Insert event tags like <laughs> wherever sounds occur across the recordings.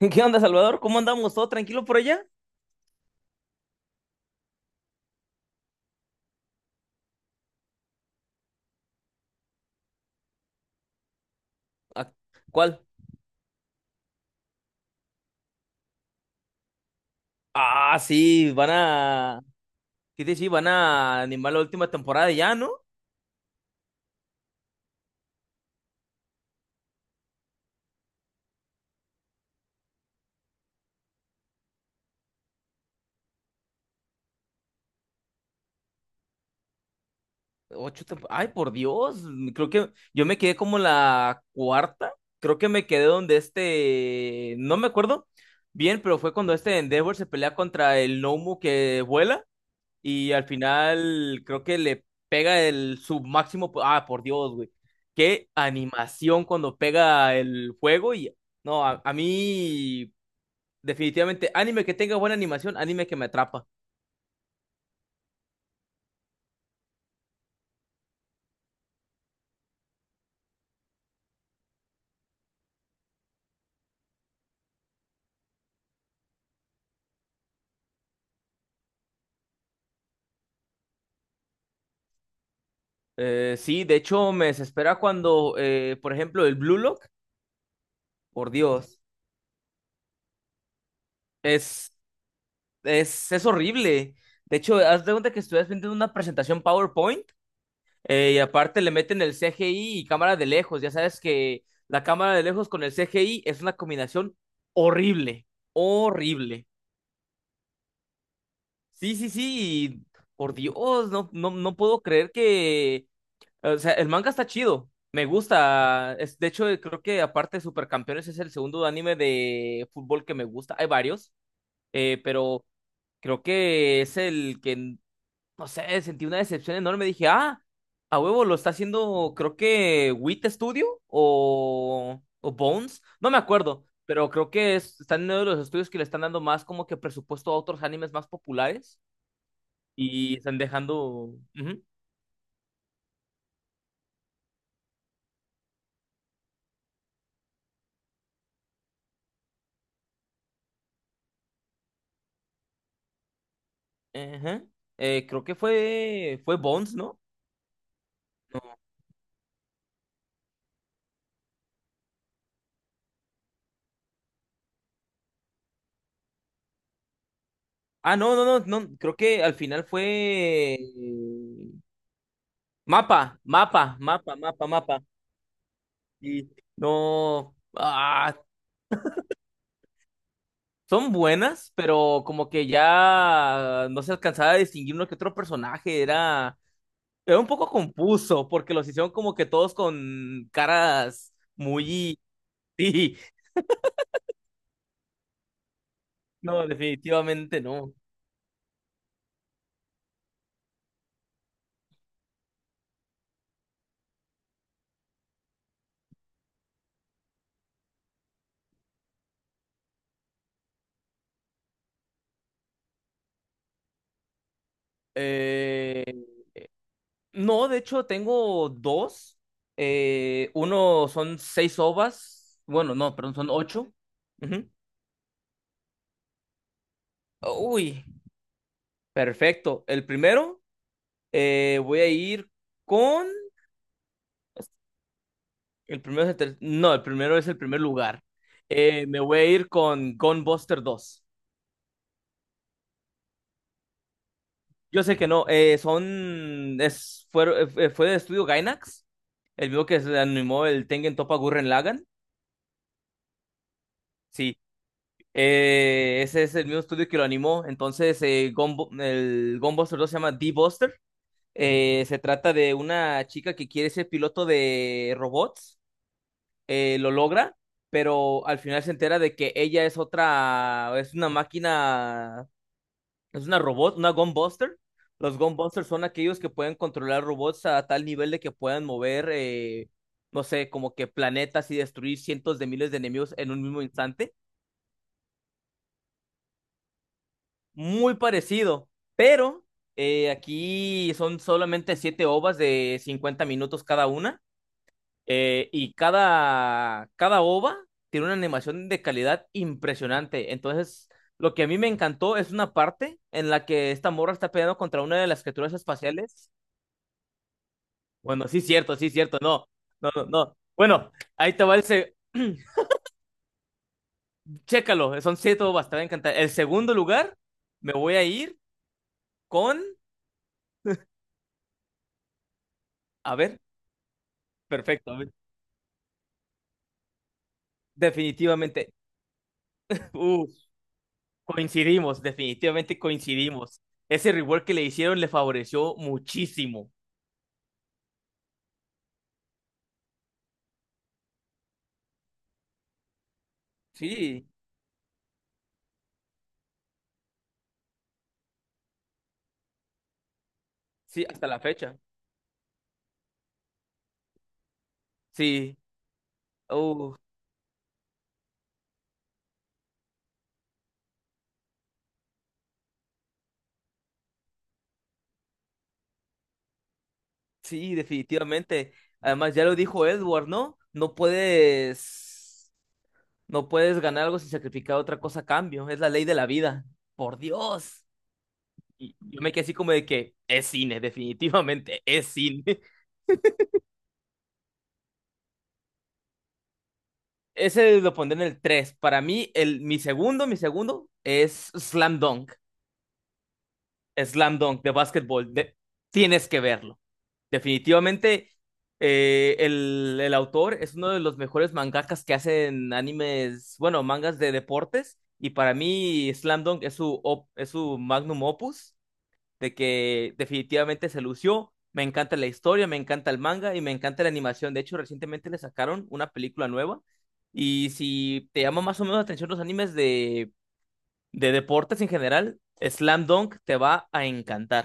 <laughs> ¿Qué onda, Salvador? ¿Cómo andamos? ¿Todo tranquilo por allá? Ah, ¿cuál? Ah, sí, van a... Sí, sí, sí, van a animar la última temporada ya, ¿no? Ay, por Dios. Creo que yo me quedé como la cuarta. Creo que me quedé donde no me acuerdo bien, pero fue cuando este Endeavor se pelea contra el Nomu que vuela. Y al final creo que le pega el su máximo. Ah, por Dios, güey. Qué animación cuando pega el fuego. Y no, a mí, definitivamente, anime que tenga buena animación, anime que me atrapa. Sí, de hecho, me desespera cuando, por ejemplo, el Blue Lock, por Dios, es, es horrible. De hecho, haz de cuenta que estuvieras viendo una presentación PowerPoint. Y aparte le meten el CGI y cámara de lejos. Ya sabes que la cámara de lejos con el CGI es una combinación horrible, horrible. Sí, sí, sí. Y por Dios, no, no, no puedo creer que... O sea, el manga está chido. Me gusta. Es, de hecho, creo que aparte de Supercampeones es el segundo anime de fútbol que me gusta. Hay varios, pero creo que es el que no sé, sentí una decepción enorme. Dije, ah, a huevo, lo está haciendo, creo que Wit Studio o Bones, no me acuerdo, pero creo que están en uno de los estudios que le están dando más como que presupuesto a otros animes más populares y están dejando. Ujú, ajá. Creo que fue Bones, ¿no? Ah, no, no, no, no, creo que al final fue mapa, mapa, mapa, mapa, mapa. Y no, ah, son buenas, pero como que ya no se alcanzaba a distinguir uno que otro personaje. Era un poco confuso, porque los hicieron como que todos con caras muy... <laughs> Sí, no, definitivamente no. Eh, no, de hecho tengo dos. Uno son seis ovas. Bueno, no, perdón, son ocho. Ujú. Uy, perfecto. El primero, voy a ir con... El primero es el ter- No, el primero es el primer lugar. Me voy a ir con Gunbuster 2. Yo sé que no, son. Fue del estudio Gainax, el mismo que se animó el Tengen Toppa Gurren Lagann. Sí, ese es el mismo estudio que lo animó. Entonces, el Gunbuster 2 se llama D-Buster. Se trata de una chica que quiere ser piloto de robots. Lo logra, pero al final se entera de que ella es otra, es una máquina. Es una robot, una Gunbuster. Los Gunbusters son aquellos que pueden controlar robots a tal nivel de que puedan mover, no sé, como que planetas y destruir cientos de miles de enemigos en un mismo instante. Muy parecido, pero aquí son solamente siete ovas de 50 minutos cada una. Y cada ova tiene una animación de calidad impresionante. Entonces, lo que a mí me encantó es una parte en la que esta morra está peleando contra una de las criaturas espaciales. Bueno, sí, es cierto, sí, es cierto. No, no, no. No. Bueno, ahí te va el. Se- <clears throat> Chécalo, son siete bobas, te va a encantar. El segundo lugar, me voy a ir con... A ver, perfecto. A ver, definitivamente. Uh, Coincidimos, definitivamente coincidimos. Ese rework que le hicieron le favoreció muchísimo. Sí, sí, hasta la fecha. Sí. uh. Sí, definitivamente. Además, ya lo dijo Edward, ¿no? No puedes ganar algo sin sacrificar otra cosa a cambio. Es la ley de la vida. Por Dios. Y yo me quedé así como de que es cine, <laughs> definitivamente, es cine. <laughs> Ese lo pondré en el 3. Para mí, mi segundo es Slam Dunk. Slam Dunk de básquetbol. Tienes que verlo. Definitivamente, el autor es uno de los mejores mangakas que hacen animes, bueno, mangas de deportes. Y para mí, Slam Dunk es es su magnum opus, de que definitivamente se lució. Me encanta la historia, me encanta el manga y me encanta la animación. De hecho, recientemente le sacaron una película nueva. Y si te llama más o menos la atención los animes de deportes en general, Slam Dunk te va a encantar.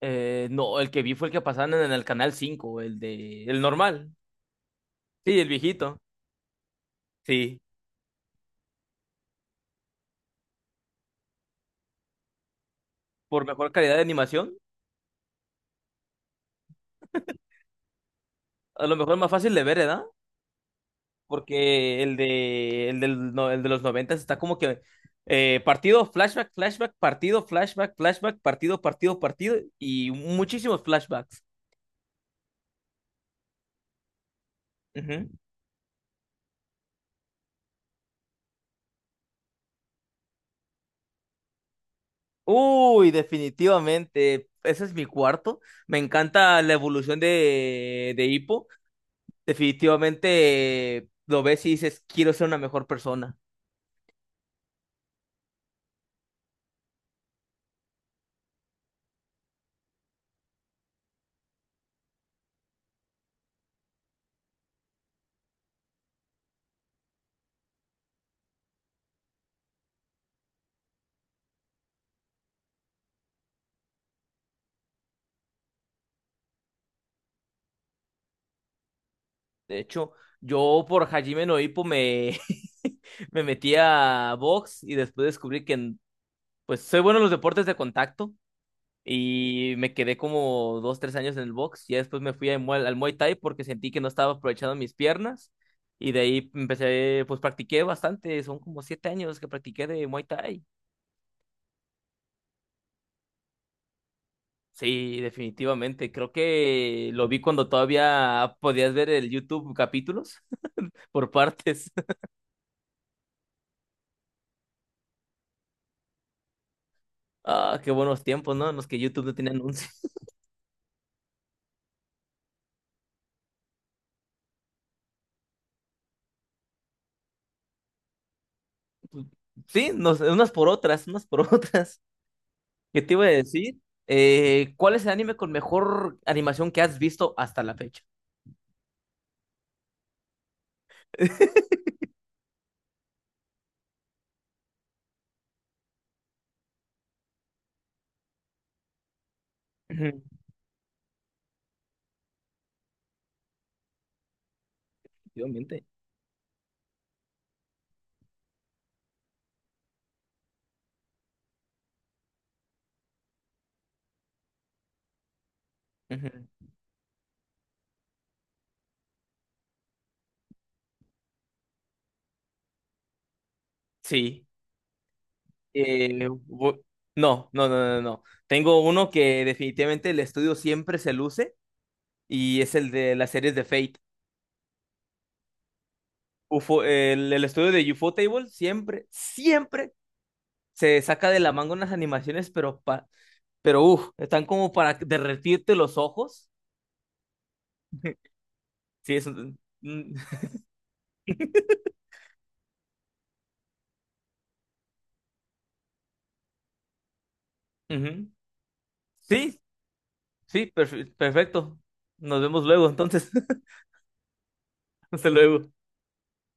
No, el que vi fue el que pasaban en el canal cinco, el de el normal. Sí, el viejito. Sí, por mejor calidad de animación. A lo mejor es más fácil de ver, ¿verdad? Porque el de el del no- el de los noventas está como que partido, flashback, flashback, partido, flashback, flashback, partido, partido, partido y muchísimos flashbacks. Ujú. Uy, definitivamente. Ese es mi cuarto. Me encanta la evolución de Hippo. Definitivamente lo ves y dices, quiero ser una mejor persona. De hecho, yo por Hajime no Ippo me, <laughs> me metí a box y después descubrí que pues soy bueno en los deportes de contacto y me quedé como 2, 3 años en el box. Y después me fui a al Muay Thai porque sentí que no estaba aprovechando mis piernas y de ahí empecé, pues practiqué bastante, son como 7 años que practiqué de Muay Thai. Sí, definitivamente. Creo que lo vi cuando todavía podías ver el YouTube capítulos <laughs> por partes. <laughs> Ah, qué buenos tiempos, ¿no? En los que YouTube no tenía anuncios. <laughs> Sí, unas por otras, unas por <laughs> otras. ¿Qué te iba a decir? ¿Cuál es el anime con mejor animación que has visto hasta la fecha? <laughs> Ujú, efectivamente. Ujú. Sí. Eh, bu- no, no, no, no, no. Tengo uno que definitivamente el estudio siempre se luce y es el de las series de Fate. UFO, el estudio de UFO Table siempre, siempre se saca de la manga unas animaciones, pero, pero uff, están como para derretirte los ojos. <laughs> Sí, <laughs> ujú. Sí, sí, perfecto. Nos vemos luego, entonces. <laughs> Hasta luego.